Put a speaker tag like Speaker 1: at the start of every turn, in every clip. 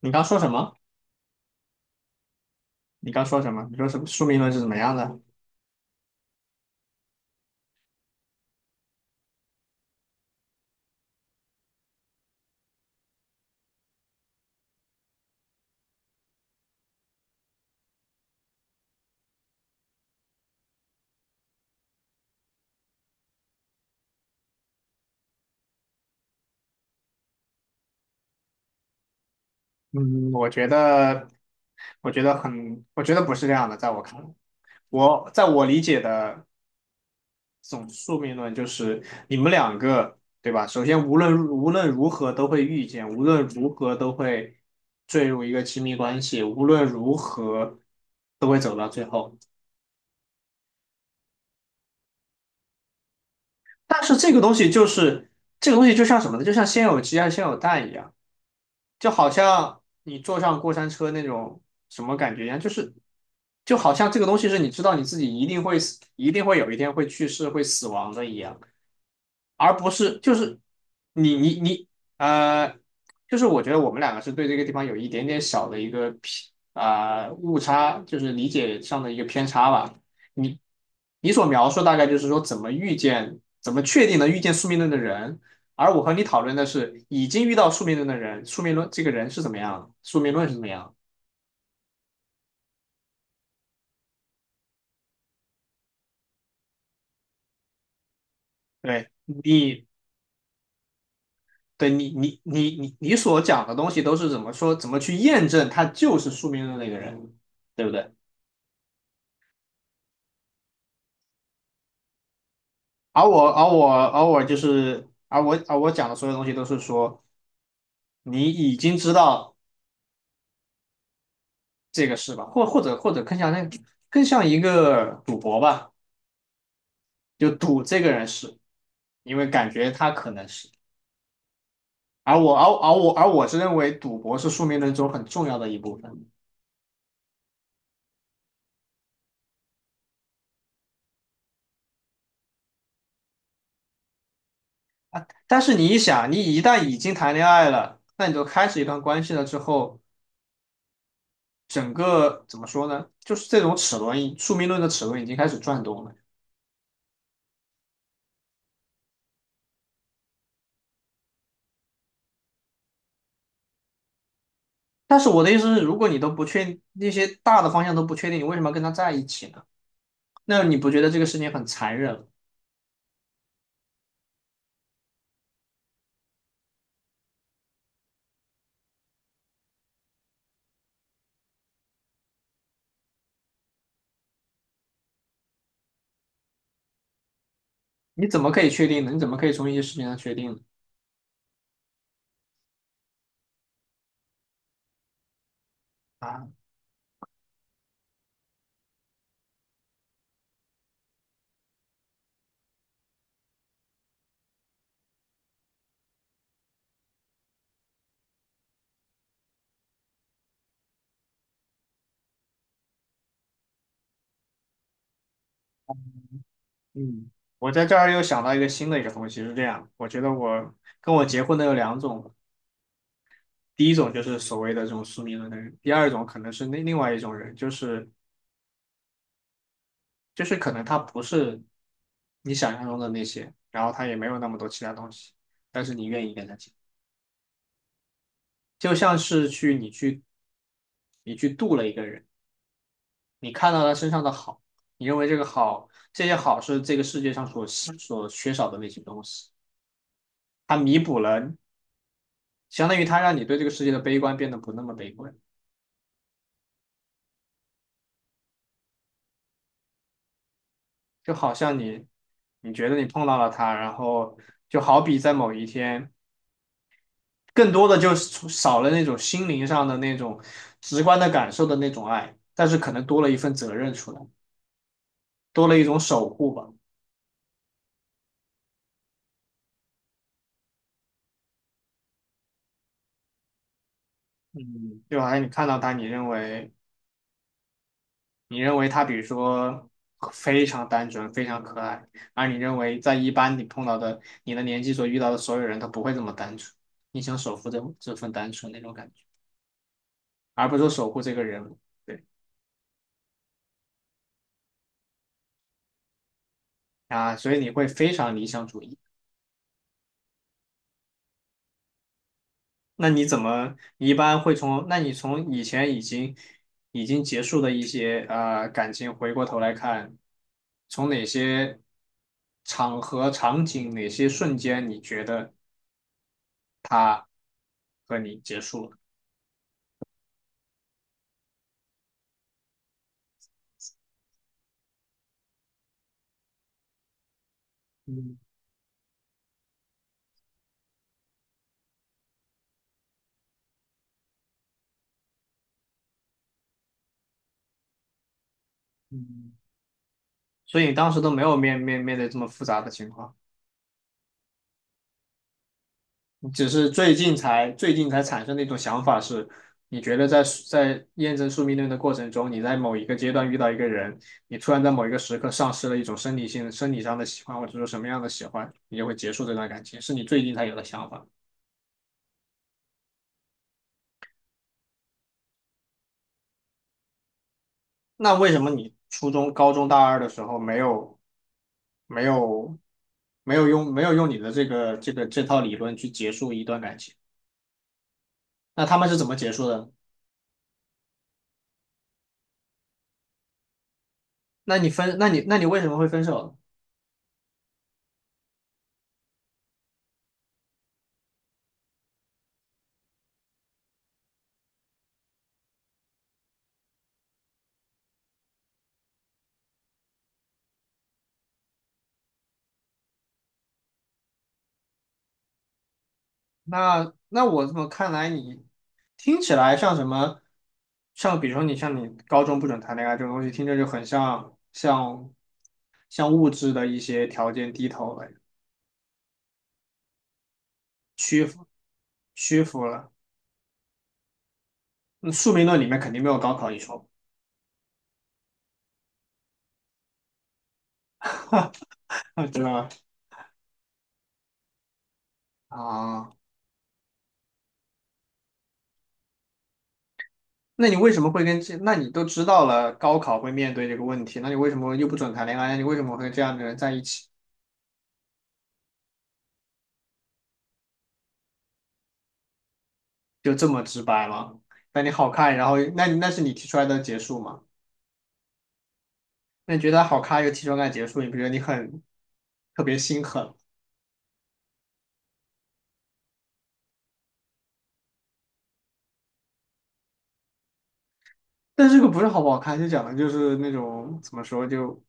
Speaker 1: 你刚说什么？你刚说什么？你说什么？宿命论是怎么样的？嗯，我觉得，我觉得很，我觉得不是这样的，在我看来，我理解的这种宿命论就是你们两个，对吧？首先，无论如何都会遇见，无论如何都会坠入一个亲密关系，无论如何都会走到最后。但是这个东西就是这个东西，就像什么呢？就像先有鸡还是先有蛋一样。就好像你坐上过山车那种什么感觉一样，就好像这个东西是你知道你自己一定会死，一定会有一天会去世、会死亡的一样。而不是就是你你你呃，就是我觉得我们两个是对这个地方有一点点小的一个偏啊、误差，就是理解上的一个偏差吧。你你所描述大概就是说怎么遇见，怎么确定能遇见宿命论的人，而我和你讨论的是已经遇到宿命论的人，宿命论这个人是怎么样的，宿命论是怎么样的。对你，你所讲的东西都是怎么说，怎么去验证他就是宿命论那个人，对不对？而我而我而我就是而我而我讲的所有东西都是说你已经知道这个事吧，或者更像更像一个赌博吧，就赌这个人是，因为感觉他可能是。而我是认为赌博是宿命论中很重要的一部分。但是你一想，你一旦已经谈恋爱了，那你就开始一段关系了之后，整个怎么说呢？就是这种齿轮，宿命论的齿轮已经开始转动了。但是我的意思是，如果你都不确那些大的方向都不确定，你为什么要跟他在一起呢？那你不觉得这个事情很残忍吗？你怎么可以确定呢？你怎么可以从一些事情上确定呢？啊，嗯，我在这儿又想到一个新的一个东西，是这样，我觉得跟我结婚的有两种，第一种就是所谓的这种宿命论的人，第二种可能是那另外一种人，就是可能他不是你想象中的那些，然后他也没有那么多其他东西，但是你愿意跟他结。就像是去你去你去度了一个人，你看到他身上的好，你认为这个好，这些好是这个世界上所缺少的那些东西，它弥补了，相当于它让你对这个世界的悲观变得不那么悲观，就好像你觉得你碰到了他，然后就好比在某一天，更多的就是少了那种心灵上的那种直观的感受的那种爱，但是可能多了一份责任出来，多了一种守护吧。嗯，就好像你看到他，你认为他比如说非常单纯、非常可爱，而你认为在一般你碰到的你的年纪所遇到的所有人，他不会这么单纯。你想守护这份单纯那种感觉，而不是说守护这个人物。对啊，所以你会非常理想主义。那你怎么你一般会从？那你从以前已经结束的一些感情，回过头来看，从哪些场合、场景、哪些瞬间，你觉得他和你结束了？嗯。嗯，所以你当时都没有面对这么复杂的情况，你只是最近才产生的一种想法是，你觉得在验证宿命论的过程中，你在某一个阶段遇到一个人，你突然在某一个时刻丧失了一种生理上的喜欢，或者说什么样的喜欢，你就会结束这段感情，是你最近才有的想法。那为什么你初中、高中、大二的时候没有没有用你的这套理论去结束一段感情？那他们是怎么结束的？那你为什么会分手？那那我怎么看来你听起来像什么？像比如说你高中不准谈恋爱这种东西，听着就很像像物质的一些条件低头了，屈服屈服了。嗯宿命论里面肯定没有高考一说，啊知道吧？啊，那你为什么会跟这？那你都知道了高考会面对这个问题，那你为什么又不准谈恋爱？那你为什么会跟这样的人在一起？就这么直白吗？那你好看，然后那是你提出来的结束吗？那你觉得好看又提出来结束，你不觉得你很特别心狠？但是这个不是好不好看，就讲的就是那种怎么说，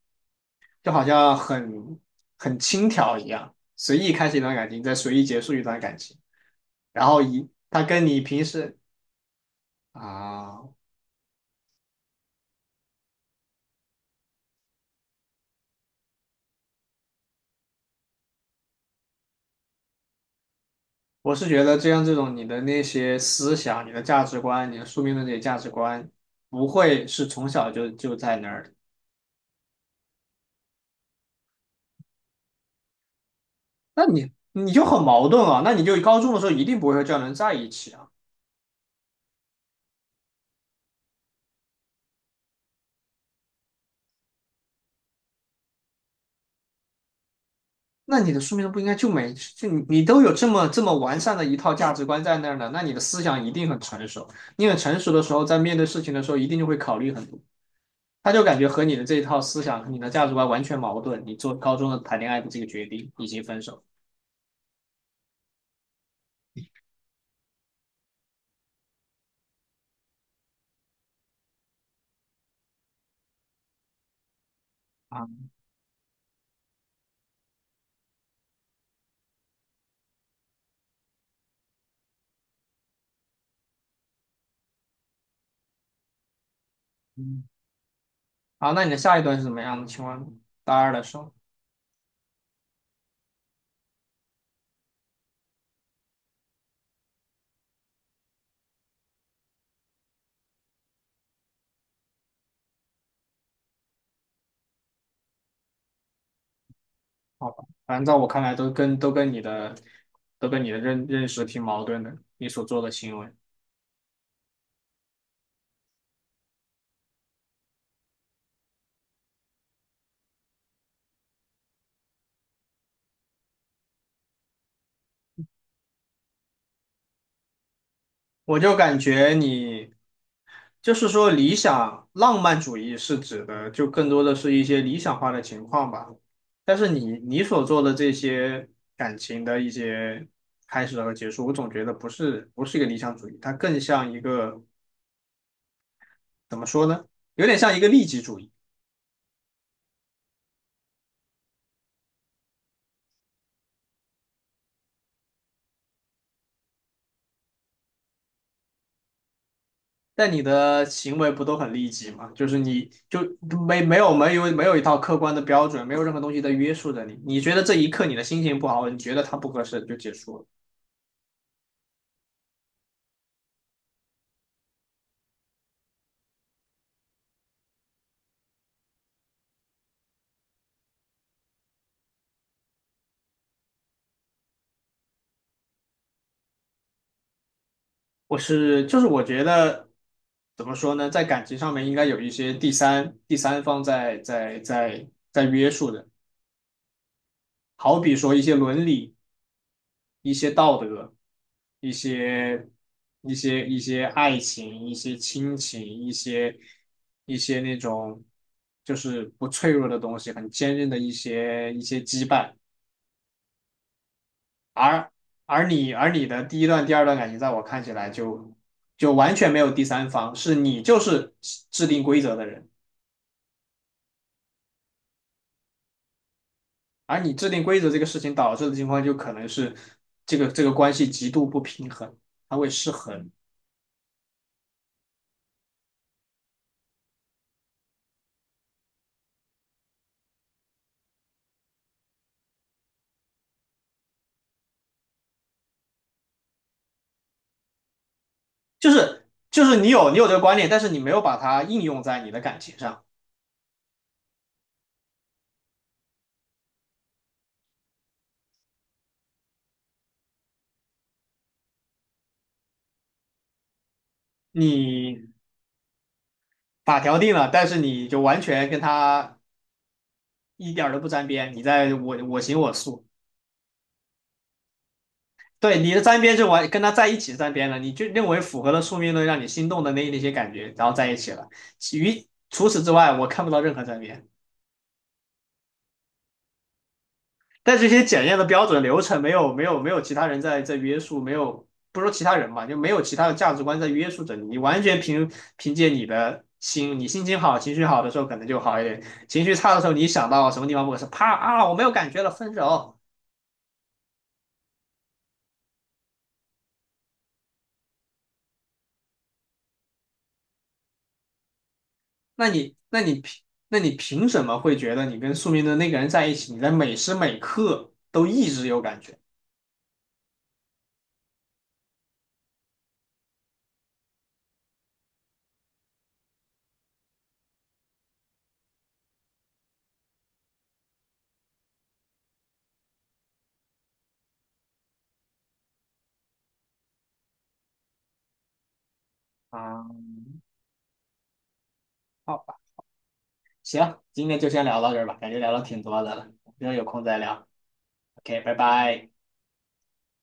Speaker 1: 就好像很轻佻一样，随意开始一段感情，再随意结束一段感情，然后以他跟你平时。啊，我是觉得这样这种你的那些思想、你的价值观、你的宿命论这些价值观，不会是从小就在那儿的。那你你就很矛盾啊，那你就高中的时候一定不会和这样的人在一起啊。那你的书面上不应该就你都有这么完善的一套价值观在那儿呢，那你的思想一定很成熟。你很成熟的时候，在面对事情的时候，一定就会考虑很多。他就感觉和你的这一套思想、和你的价值观完全矛盾。你做高中的谈恋爱的这个决定以及分手。啊，嗯，好，那你的下一段是怎么样的？请问大二的时候，好吧，反正在我看来都跟你的认识挺矛盾的，你所做的行为。我就感觉你就是说理想浪漫主义是指的，就更多的是一些理想化的情况吧。但是你所做的这些感情的一些开始和结束，我总觉得不是一个理想主义，它更像一个怎么说呢？有点像一个利己主义。但你的行为不都很利己吗？就是你就没有一套客观的标准，没有任何东西在约束着你。你觉得这一刻你的心情不好，你觉得它不合适就结束了。我是就是我觉得怎么说呢，在感情上面应该有一些第三方在约束的，好比说一些伦理、一些道德、一些一些爱情、一些亲情、一些那种就是不脆弱的东西，很坚韧的一些羁绊，而而你的第一段、第二段感情，在我看起来就完全没有第三方，是你就是制定规则的人。而你制定规则这个事情导致的情况，就可能是这个关系极度不平衡，它会失衡。你有这个观念，但是你没有把它应用在你的感情上。你法条定了，但是你就完全跟他一点都不沾边，你在我我行我素。对，你的沾边就完跟他在一起沾边了，你就认为符合了宿命论让你心动的那些感觉，然后在一起了。于除此之外，我看不到任何沾边。但这些检验的标准流程没有其他人在约束，没有不说其他人吧，就没有其他的价值观在约束着你，你完全凭借你的心，你心情好、情绪好的时候可能就好一点，情绪差的时候你想到什么地方不合适，啪啊我没有感觉了，分手。那你那你凭那你凭什么会觉得你跟宿命的那个人在一起，你在每时每刻都一直有感觉？啊？嗯好吧，行，今天就先聊到这儿吧，感觉聊了挺多的了，之后有空再聊，OK，拜拜。